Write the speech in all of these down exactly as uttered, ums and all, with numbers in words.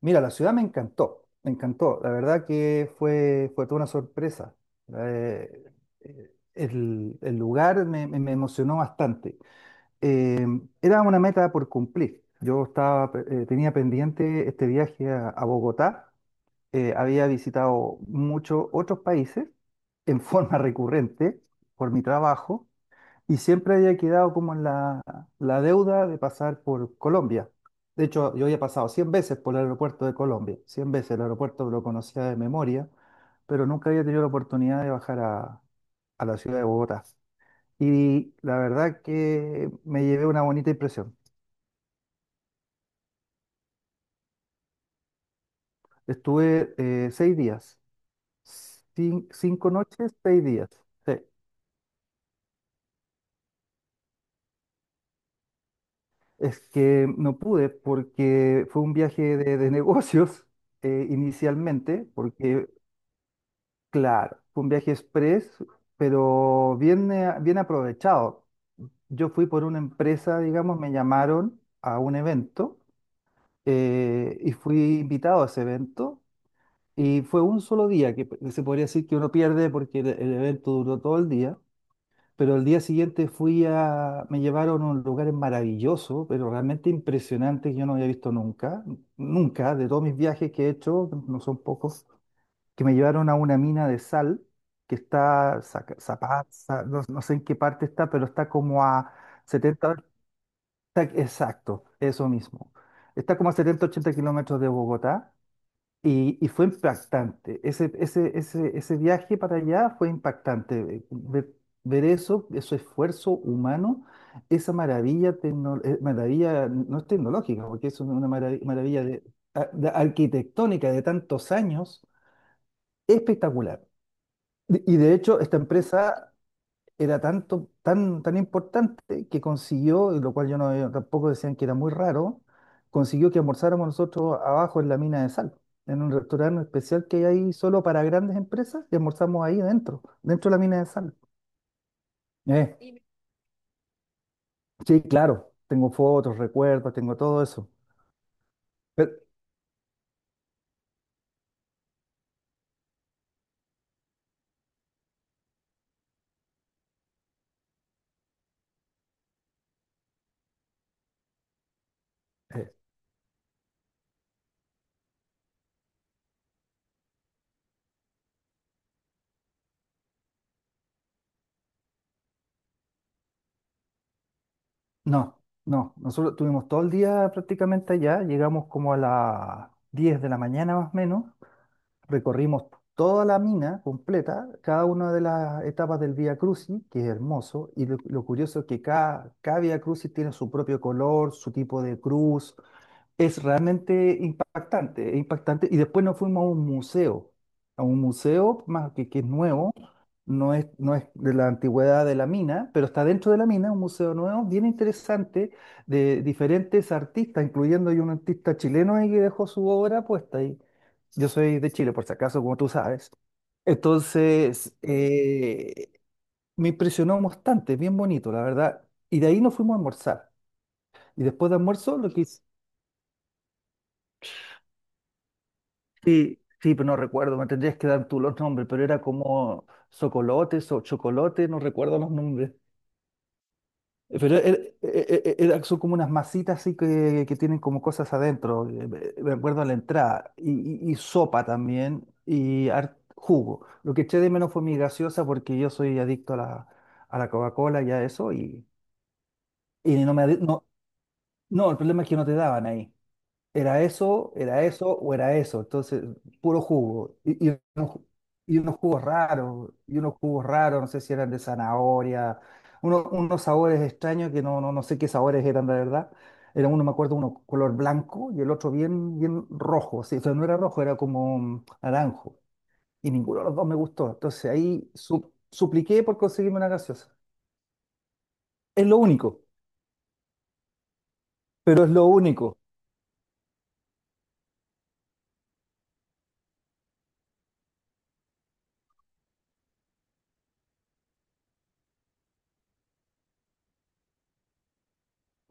Mira, la ciudad me encantó, me encantó. La verdad que fue, fue toda una sorpresa. Eh, eh, el, el lugar me, me- me emocionó bastante. Eh, Era una meta por cumplir. Yo estaba, eh, tenía pendiente este viaje a, a Bogotá. Eh, había visitado muchos otros países en forma recurrente por mi trabajo y siempre había quedado como en la, la deuda de pasar por Colombia. De hecho, yo había pasado cien veces por el aeropuerto de Colombia, cien veces el aeropuerto lo conocía de memoria, pero nunca había tenido la oportunidad de bajar a, a la ciudad de Bogotá. Y la verdad que me llevé una bonita impresión. Estuve eh, seis días, cin- cinco noches, seis días. Sí. Es que no pude porque fue un viaje de, de negocios eh, inicialmente, porque. Claro, fue un viaje express, pero bien, eh, bien aprovechado. Yo fui por una empresa, digamos, me llamaron a un evento eh, y fui invitado a ese evento y fue un solo día que p- se podría decir que uno pierde porque el, el evento duró todo el día, pero el día siguiente fui a, me llevaron a un lugar maravilloso, pero realmente impresionante que yo no había visto nunca, nunca, de todos mis viajes que he hecho, no son pocos, que me llevaron a una mina de sal que está, Zaca- Zapaz, Za- no, no sé en qué parte está, pero está como a setenta, hor- está- exacto, eso mismo. Está como a setenta, ochenta kilómetros de Bogotá y, y fue impactante. Ese, ese, ese, ese viaje para allá fue impactante. eh, Ver, ver eso, ese esfuerzo humano, esa maravilla, tecno- eh, maravilla no es tecnológica, porque es una marav- maravilla de- a- de arquitectónica de tantos años, espectacular. De- Y de hecho, esta empresa era tanto, tan, tan importante que consiguió, y lo cual yo no, tampoco decían que era muy raro, consiguió que almorzáramos nosotros abajo en la mina de sal, en un restaurante especial que hay ahí solo para grandes empresas, y almorzamos ahí dentro, dentro de la mina de sal. Eh, sí, claro, tengo fotos, recuerdos, tengo todo eso. Pero, eh, no, no, nosotros tuvimos todo el día prácticamente allá, llegamos como a las diez de la mañana más o menos. Recorrimos toda la mina completa, cada una de las etapas del Vía Crucis, que es hermoso, y lo, lo curioso es que cada, cada Vía Crucis tiene su propio color, su tipo de cruz. Es realmente impactante, es impactante. Y después nos fuimos a un museo, a un museo más que, que es nuevo, no es, no es de la antigüedad de la mina, pero está dentro de la mina, un museo nuevo, bien interesante, de diferentes artistas, incluyendo hay un artista chileno ahí que dejó su obra puesta ahí. Yo soy de Chile, por si acaso, como tú sabes. Entonces, eh, me impresionó bastante, bien bonito, la verdad. Y de ahí nos fuimos a almorzar. Y después de almuerzo, lo que hice- Sí, sí, pero no recuerdo, me tendrías que dar tú los nombres, pero era como socolotes o chocolate, no recuerdo los nombres. Pero er- er- er- son como unas masitas así que, que tienen como cosas adentro, eh, me me acuerdo a la entrada, y, y- y sopa también, y har- jugo. Lo que eché de menos fue mi gaseosa porque yo soy adicto a la, a la Coca-Cola y a eso, y, y no me, adi- no, no, el problema es que no te daban ahí. Era eso, era eso o era eso. Entonces, puro jugo. Y, y unos, ju- y unos jugos raros, y unos jugos raros, no sé si eran de zanahoria, uno- unos sabores extraños que no, no, no sé qué sabores eran de verdad. Era uno, me acuerdo, uno color blanco y el otro bien, bien rojo. Sí, o sea, no era rojo, era como mm, naranjo. Y ninguno de los dos me gustó. Entonces ahí su- supliqué por conseguirme una gaseosa. Es lo único, pero es lo único.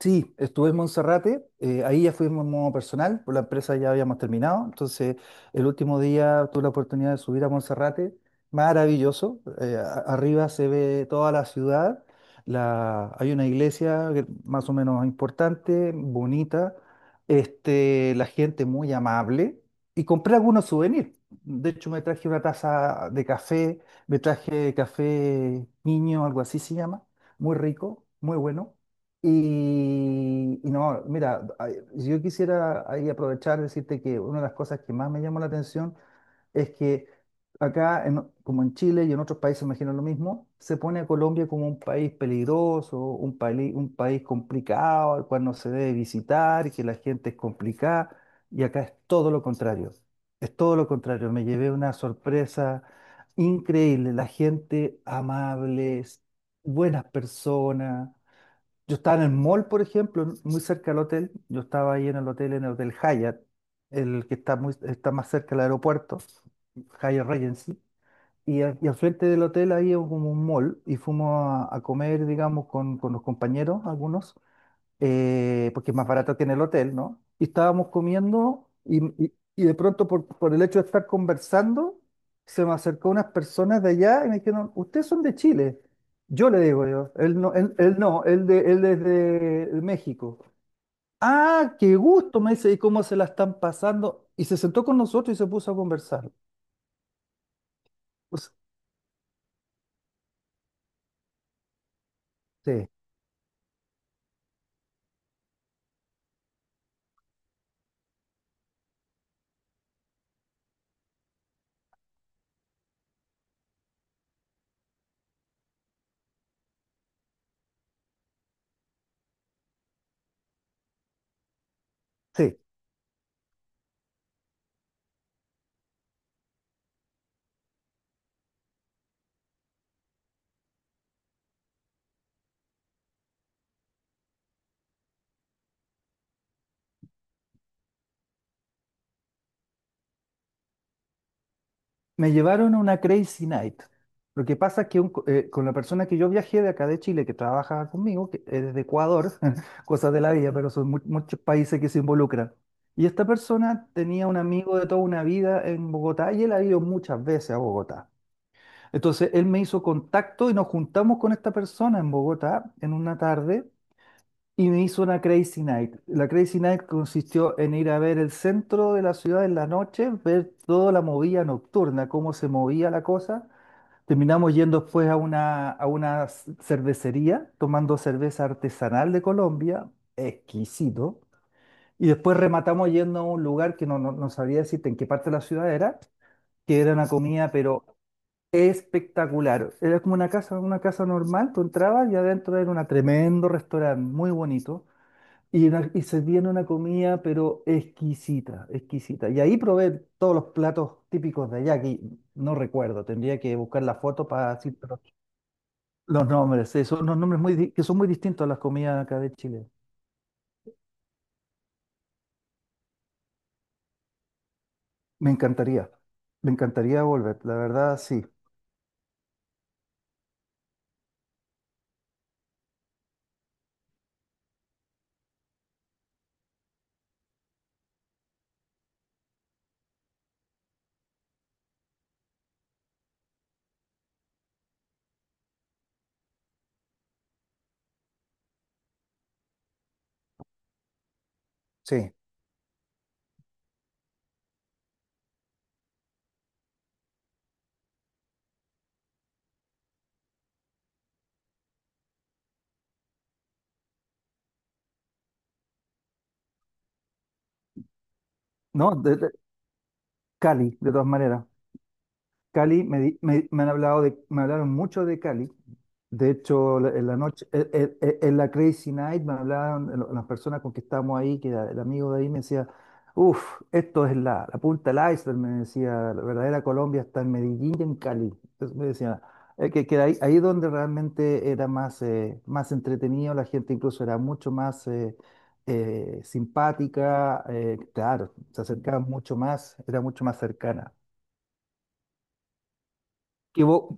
Sí, estuve en Monserrate, eh, ahí ya fuimos en modo personal, por la empresa ya habíamos terminado, entonces el último día tuve la oportunidad de subir a Monserrate, maravilloso, eh, a- arriba se ve toda la ciudad, la, hay una iglesia que- más o menos importante, bonita, este, la gente muy amable y compré algunos souvenirs, de hecho me traje una taza de café, me traje café niño, algo así se llama, muy rico, muy bueno. Y, y no, mira, ay, yo quisiera ahí aprovechar, decirte que una de las cosas que más me llamó la atención es que acá, en- como en Chile y en otros países, imagino lo mismo, se pone a Colombia como un país peligroso, un país, un país complicado, al cual no se debe visitar, y que la gente es complicada, y acá es todo lo contrario, es todo lo contrario, me llevé una sorpresa increíble, la gente amable, buenas personas. Yo estaba en el mall, por ejemplo, en- muy cerca del hotel. Yo estaba ahí en el hotel, en el Hotel Hyatt, el que está, muy, está más cerca del aeropuerto, Hyatt Regency. Y, al y al frente del hotel ahí es como un mall y fuimos a, a comer, digamos, con, con los compañeros, algunos eh, porque es más barato que en el hotel, ¿no? Y estábamos comiendo y, y- y de pronto por, por el hecho de estar conversando, se me acercó unas personas de allá y me dijeron, ¿ustedes son de Chile? Yo le digo yo, él no, él, él no, él, de, él es de México. Ah, qué gusto, me dice, ¿y cómo se la están pasando? Y se sentó con nosotros y se puso a conversar. Pues, sí, sí. Me llevaron a una Crazy Night. Lo que pasa es que un co- eh, con la persona que yo viajé de acá de Chile, que trabaja conmigo, que es de Ecuador, cosas de la vida, pero son mu- muchos países que se involucran. Y esta persona tenía un amigo de toda una vida en Bogotá y él ha ido muchas veces a Bogotá. Entonces él me hizo contacto y nos juntamos con esta persona en Bogotá en una tarde y me hizo una Crazy Night. La Crazy Night consistió en ir a ver el centro de la ciudad en la noche, ver toda la movida nocturna, cómo se movía la cosa. Terminamos yendo después a una, a una c- cervecería, tomando cerveza artesanal de Colombia, exquisito. Y después rematamos yendo a un lugar que no, no, no sabría decirte en qué parte de la ciudad era, que era una comida, pero espectacular. Era como una casa, una casa normal, tú entrabas y adentro era un tremendo restaurante, muy bonito y, una- y servían una comida, pero exquisita, exquisita. Y ahí probé todos los platos típicos de allá, que no recuerdo, tendría que buscar la foto para decir pero los nombres. Sí, son unos nombres muy, di- que son muy distintos a las comidas acá de Chile. Me encantaría, me encantaría volver, la verdad, sí, sí. ¿No? De, de- Cali, de todas maneras. Cali, me, di- me, me han hablado de, me hablaron mucho de Cali. De hecho, la- en la noche, e- e- e- en, la Crazy Night me hablaban lo- las personas con que estábamos ahí, que era el amigo de ahí me decía, uff, esto es la, la punta del iceberg, me decía, la verdadera Colombia está en Medellín y en Cali. Entonces me decía, eh, que, que ahí, ahí es donde realmente era más, eh, más entretenido, la gente incluso era mucho más eh, eh, simpática, eh, claro, se acercaba mucho más, era mucho más cercana. Que vos-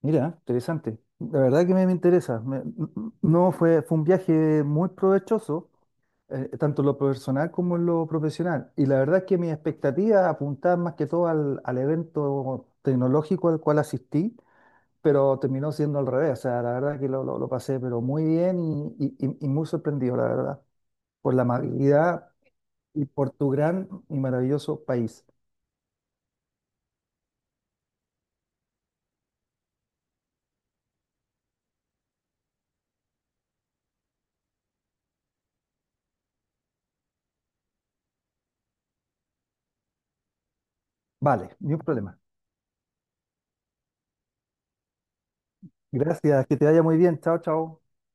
Mira, interesante. La verdad que me, me interesa. Me- m- m- no fue, fue un viaje muy provechoso, eh, tanto en lo personal como en lo profesional. Y la verdad es que mis expectativas apuntaban más que todo al, al evento tecnológico al cual asistí, pero terminó siendo al revés. O sea, la verdad que lo, lo- lo pasé, pero muy bien y, y- y- y muy sorprendido, la verdad, por la amabilidad y por tu gran y maravilloso país. Vale, ni un problema. Gracias, que te vaya muy bien. Chao, chao.